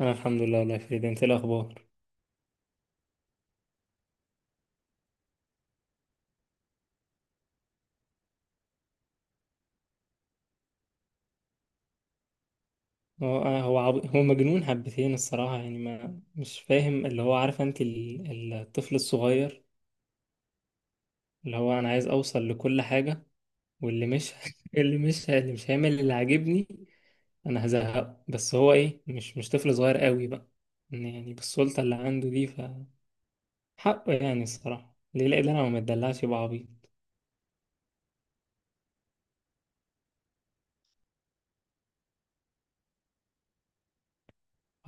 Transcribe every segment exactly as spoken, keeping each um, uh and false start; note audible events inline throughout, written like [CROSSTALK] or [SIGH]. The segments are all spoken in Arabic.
انا الحمد لله والله يا فريد، انت إيه الاخبار؟ هو أنا- هو عب... هو مجنون حبتين الصراحه. يعني ما مش فاهم اللي هو، عارف انت ال... الطفل الصغير اللي هو انا عايز اوصل لكل حاجه، واللي مش [LAUGHS] اللي مش اللي مش هيعمل اللي عاجبني انا هزهقه. بس هو ايه، مش مش طفل صغير قوي بقى، إن يعني بالسلطه اللي عنده دي. ف حقه يعني الصراحه، ليه لا؟ انا ما اتدلعش يبقى عبيط.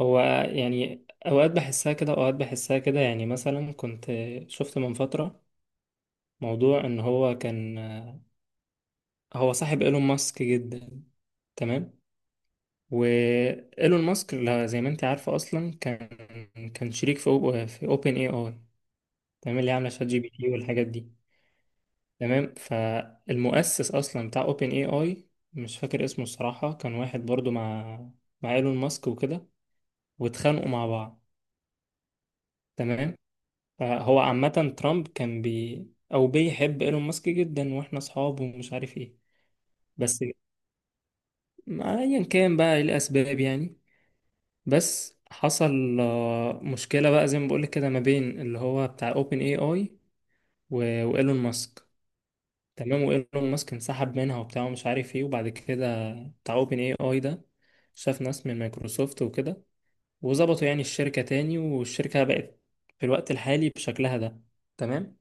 هو يعني اوقات بحسها كده، اوقات بحسها كده. يعني مثلا كنت شفت من فتره موضوع ان هو كان هو صاحب ايلون ماسك جدا، تمام؟ وايلون ماسك لا- زي ما انت عارفه، اصلا كان كان شريك في أو... في اوبن اي اي. تمام؟ اللي عامله شات جي بي تي والحاجات دي. تمام. فالمؤسس اصلا بتاع اوبن اي اي، مش فاكر اسمه الصراحه، كان واحد برضو مع مع ايلون ماسك وكده، واتخانقوا مع بعض. تمام. فهو عامه ترامب كان بي او بيحب ايلون ماسك جدا، واحنا اصحاب ومش عارف ايه. بس ما ايا كان بقى ايه الاسباب يعني. بس حصل آه، مشكله بقى، زي ما بقولك كده، ما بين اللي هو بتاع اوبن اي اي وايلون ماسك. تمام. وايلون ماسك انسحب منها وبتاع ومش عارف ايه. وبعد كده بتاع اوبن اي اي ده شاف ناس من مايكروسوفت وكده، وظبطوا يعني الشركه تاني، والشركه بقت في الوقت الحالي بشكلها ده. تمام.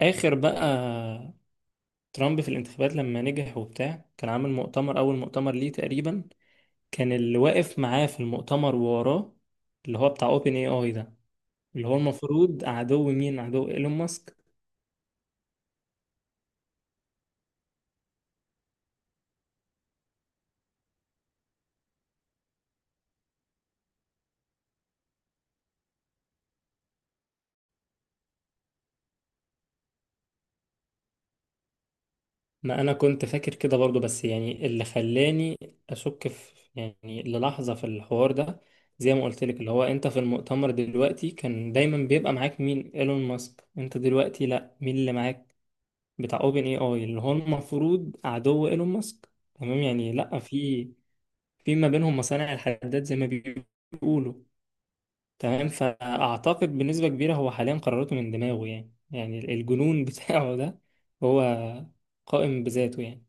اخر بقى ترامب في الانتخابات لما نجح وبتاع، كان عامل مؤتمر، اول مؤتمر ليه تقريبا، كان اللي واقف معاه في المؤتمر ووراه اللي هو بتاع اوبن اي اي ده، اللي هو المفروض عدو مين؟ عدو ايلون ماسك. ما انا كنت فاكر كده برضو، بس يعني اللي خلاني اشك في يعني للحظة في الحوار ده، زي ما قلت لك، اللي هو انت في المؤتمر دلوقتي كان دايما بيبقى معاك مين؟ ايلون ماسك. انت دلوقتي لا، مين اللي معاك؟ بتاع اوبن اي اي، اللي هو المفروض عدو ايلون ماسك. تمام. يعني لا، في في ما بينهم مصانع الحداد زي ما بيقولوا. تمام. فأعتقد بنسبة كبيرة هو حاليا قراراته من دماغه يعني. يعني الجنون [LAUGHS] بتاعه ده هو قائم بذاته يعني.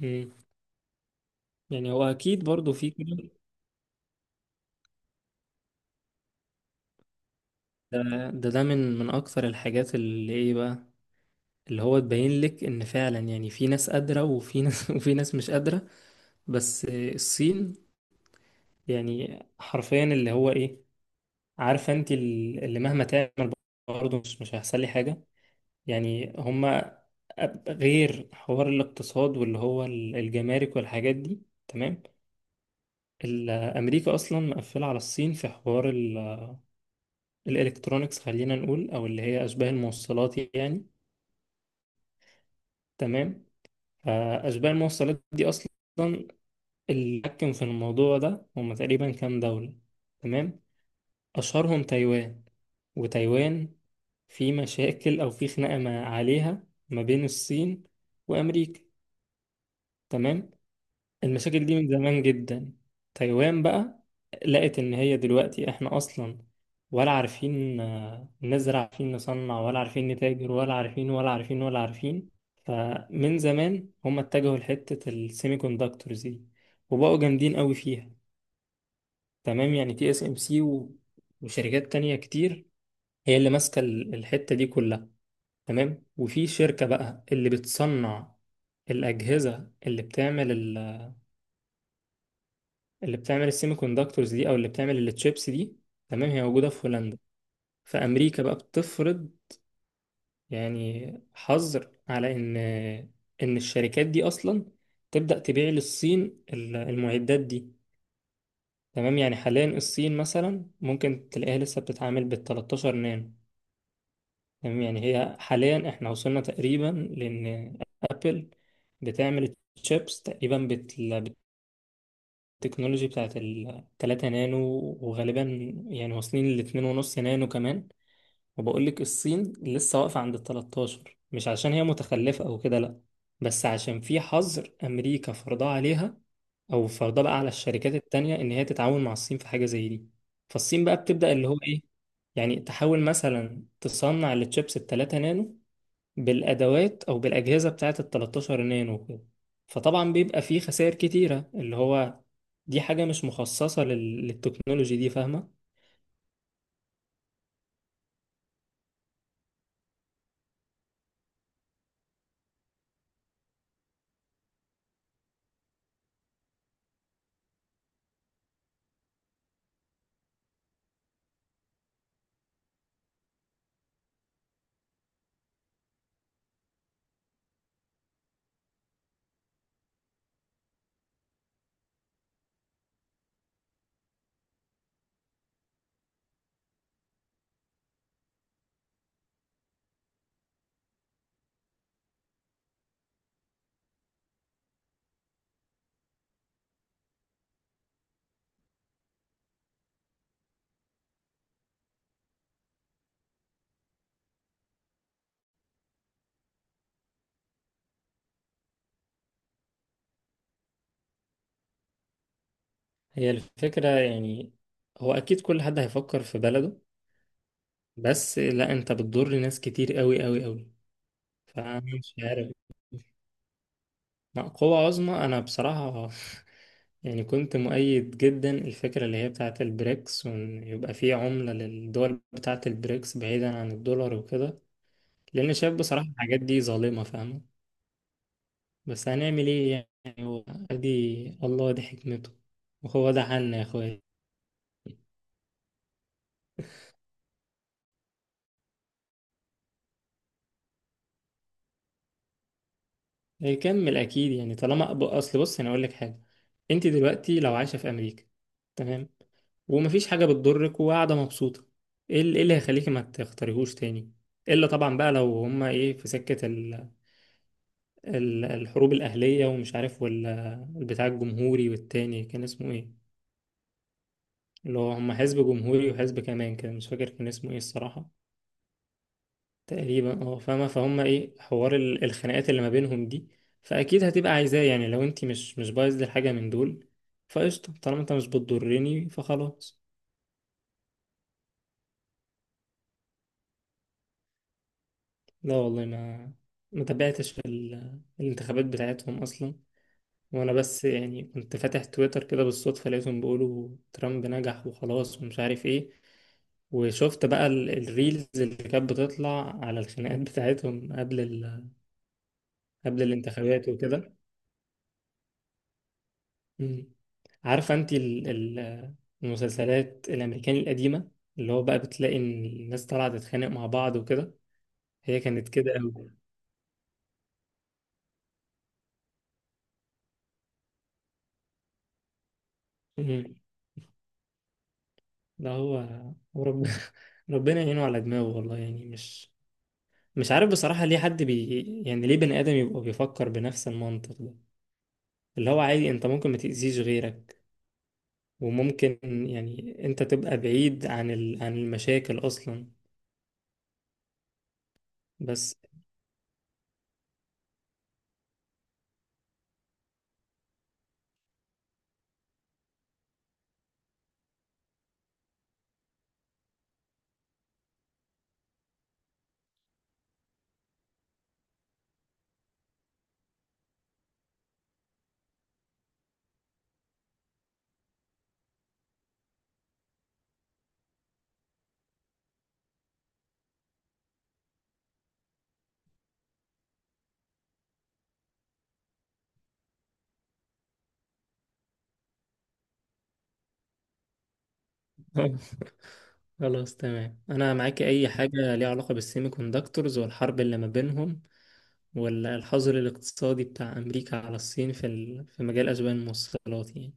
مم. يعني هو أكيد برضو في كده. ده ده, ده من من أكثر الحاجات اللي إيه بقى، اللي هو تبين لك إن فعلا يعني في ناس قادرة وفي ناس [LAUGHS] وفي ناس مش قادرة. بس الصين يعني حرفيا اللي هو إيه، عارفة أنت، اللي مهما تعمل برضه مش مش هيحصل لي حاجة. يعني هما أب- غير حوار الاقتصاد واللي هو ال- الجمارك والحاجات دي. تمام. ال- أمريكا أصلا مقفلة على الصين في حوار ال- الإلكترونيكس، خلينا نقول، أو اللي هي أشباه الموصلات يعني. تمام. فأشباه الموصلات دي أصلا اللي حكم في الموضوع ده هما تقريبا كام دولة. تمام. أشهرهم تايوان. وتايوان في مشاكل أو في خناقة ما عليها ما بين الصين وأمريكا. تمام. المشاكل دي من زمان جدا. تايوان بقى لقت ان هي دلوقتي احنا اصلا ولا عارفين آه، نزرع، عارفين نصنع ولا عارفين نتاجر ولا عارفين ولا عارفين ولا عارفين. فمن زمان هم اتجهوا لحتة السيمي كوندكتورز دي، وبقوا جامدين قوي فيها. تمام. يعني تي اس ام سي وشركات تانية كتير هي اللي ماسكة ال- الحتة دي كلها. تمام. وفي شركة بقى اللي بتصنع الأجهزة اللي بتعمل، اللي بتعمل السيمي كوندكتورز دي او اللي بتعمل التشيبس دي. تمام. هي موجوده في هولندا. فامريكا بقى بتفرض يعني حظر على ان ان الشركات دي اصلا تبدا تبيع للصين ال- المعدات دي. تمام. يعني حاليا الصين مثلا ممكن تلاقيها لسه بتتعامل بال تلتاشر نانو. تمام. يعني هي حاليا احنا وصلنا تقريبا لان ابل بتعمل تشيبس تقريبا التكنولوجي بتاعت التلاتة نانو. وغالبا يعني واصلين لاتنين ونص نانو كمان. وبقول لك الصين لسه واقفة عند التلتاشر، مش عشان هي متخلفة أو كده، لأ، بس عشان في حظر أمريكا فرضاه عليها، أو فرضاه بقى على الشركات التانية إن هي تتعاون مع الصين في حاجة زي دي. فالصين بقى بتبدأ اللي هو إيه، يعني تحاول مثلا تصنع التشيبس التلاتة نانو بالادوات او بالاجهزه بتاعه ال تلتاشر نانو كده. فطبعا بيبقى فيه خسائر كتيره، اللي هو دي حاجه مش مخصصه لل- للتكنولوجي دي، فاهمه؟ هي الفكره يعني هو اكيد كل حد هيفكر في بلده. بس لا، انت بتضر ناس كتير قوي قوي قوي. فانا مش عارف. لا، قوة عظمى انا بصراحه [LAUGHS] يعني كنت مؤيد جدا الفكره اللي هي بتاعه البريكس، وان يبقى فيه عمله للدول بتاعه البريكس بعيدا عن الدولار وكده. لان شايف بصراحه الحاجات دي ظالمه، فاهمه؟ بس هنعمل ايه يعني. هو ادي الله دي حكمته، وهو ده حالنا يا اخويا. هيكمل اكيد يعني، طالما أب- اصل بص، انا اقول لك حاجه. انت دلوقتي لو عايشه في امريكا، تمام، ومفيش حاجه بتضرك وقاعده مبسوطه، ايه ال- إيه اللي هيخليكي ما تختاريهوش تاني؟ الا طبعا بقى لو هما ايه في سكه ال ال الحروب الاهليه ومش عارف ولا بتاع الجمهوري، والتاني كان اسمه ايه؟ اللي هو هما حزب جمهوري وحزب كمان كده مش فاكر كان اسمه ايه الصراحه. تقريبا اه، فاهمة؟ فهم ايه حوار ال- الخناقات اللي ما بينهم دي. فأكيد هتبقى عايزاه يعني، لو انت مش مش بايظ لحاجة من دول، فقشطة. طالما انت مش بتضرني فخلاص. لا والله، ما ما تابعتش في ال- الانتخابات بتاعتهم أصلا. وأنا بس يعني كنت فاتح تويتر كده بالصدفة، لقيتهم بيقولوا ترامب نجح وخلاص ومش عارف ايه. وشفت بقى ال- الريلز اللي كانت بتطلع على الخناقات بتاعتهم قبل ال... قبل الانتخابات وكده. مم. عارفة انت ال- ال- المسلسلات الأمريكاني القديمة، اللي هو بقى بتلاقي إن الناس طالعة تتخانق مع بعض وكده؟ هي كانت كده أوي. مم. لا هو هو رب... [LAUGHS] ربنا يعينه على دماغه والله. يعني مش مش عارف بصراحة، ليه حد بي يعني ليه بني آدم يبقى بيفكر بنفس المنطق ده؟ اللي هو عادي انت ممكن ما تأذيش غيرك، وممكن يعني انت تبقى بعيد عن ال... عن المشاكل أصلا. بس [LAUGHS] خلاص تمام، انا معاك. اي حاجه ليها علاقه بالسيمي كوندكتورز والحرب اللي ما بينهم والحظر الاقتصادي بتاع امريكا على الصين في ال... في مجال اسباب الموصلات يعني.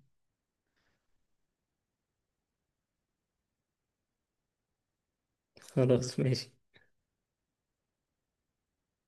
خلاص ماشي.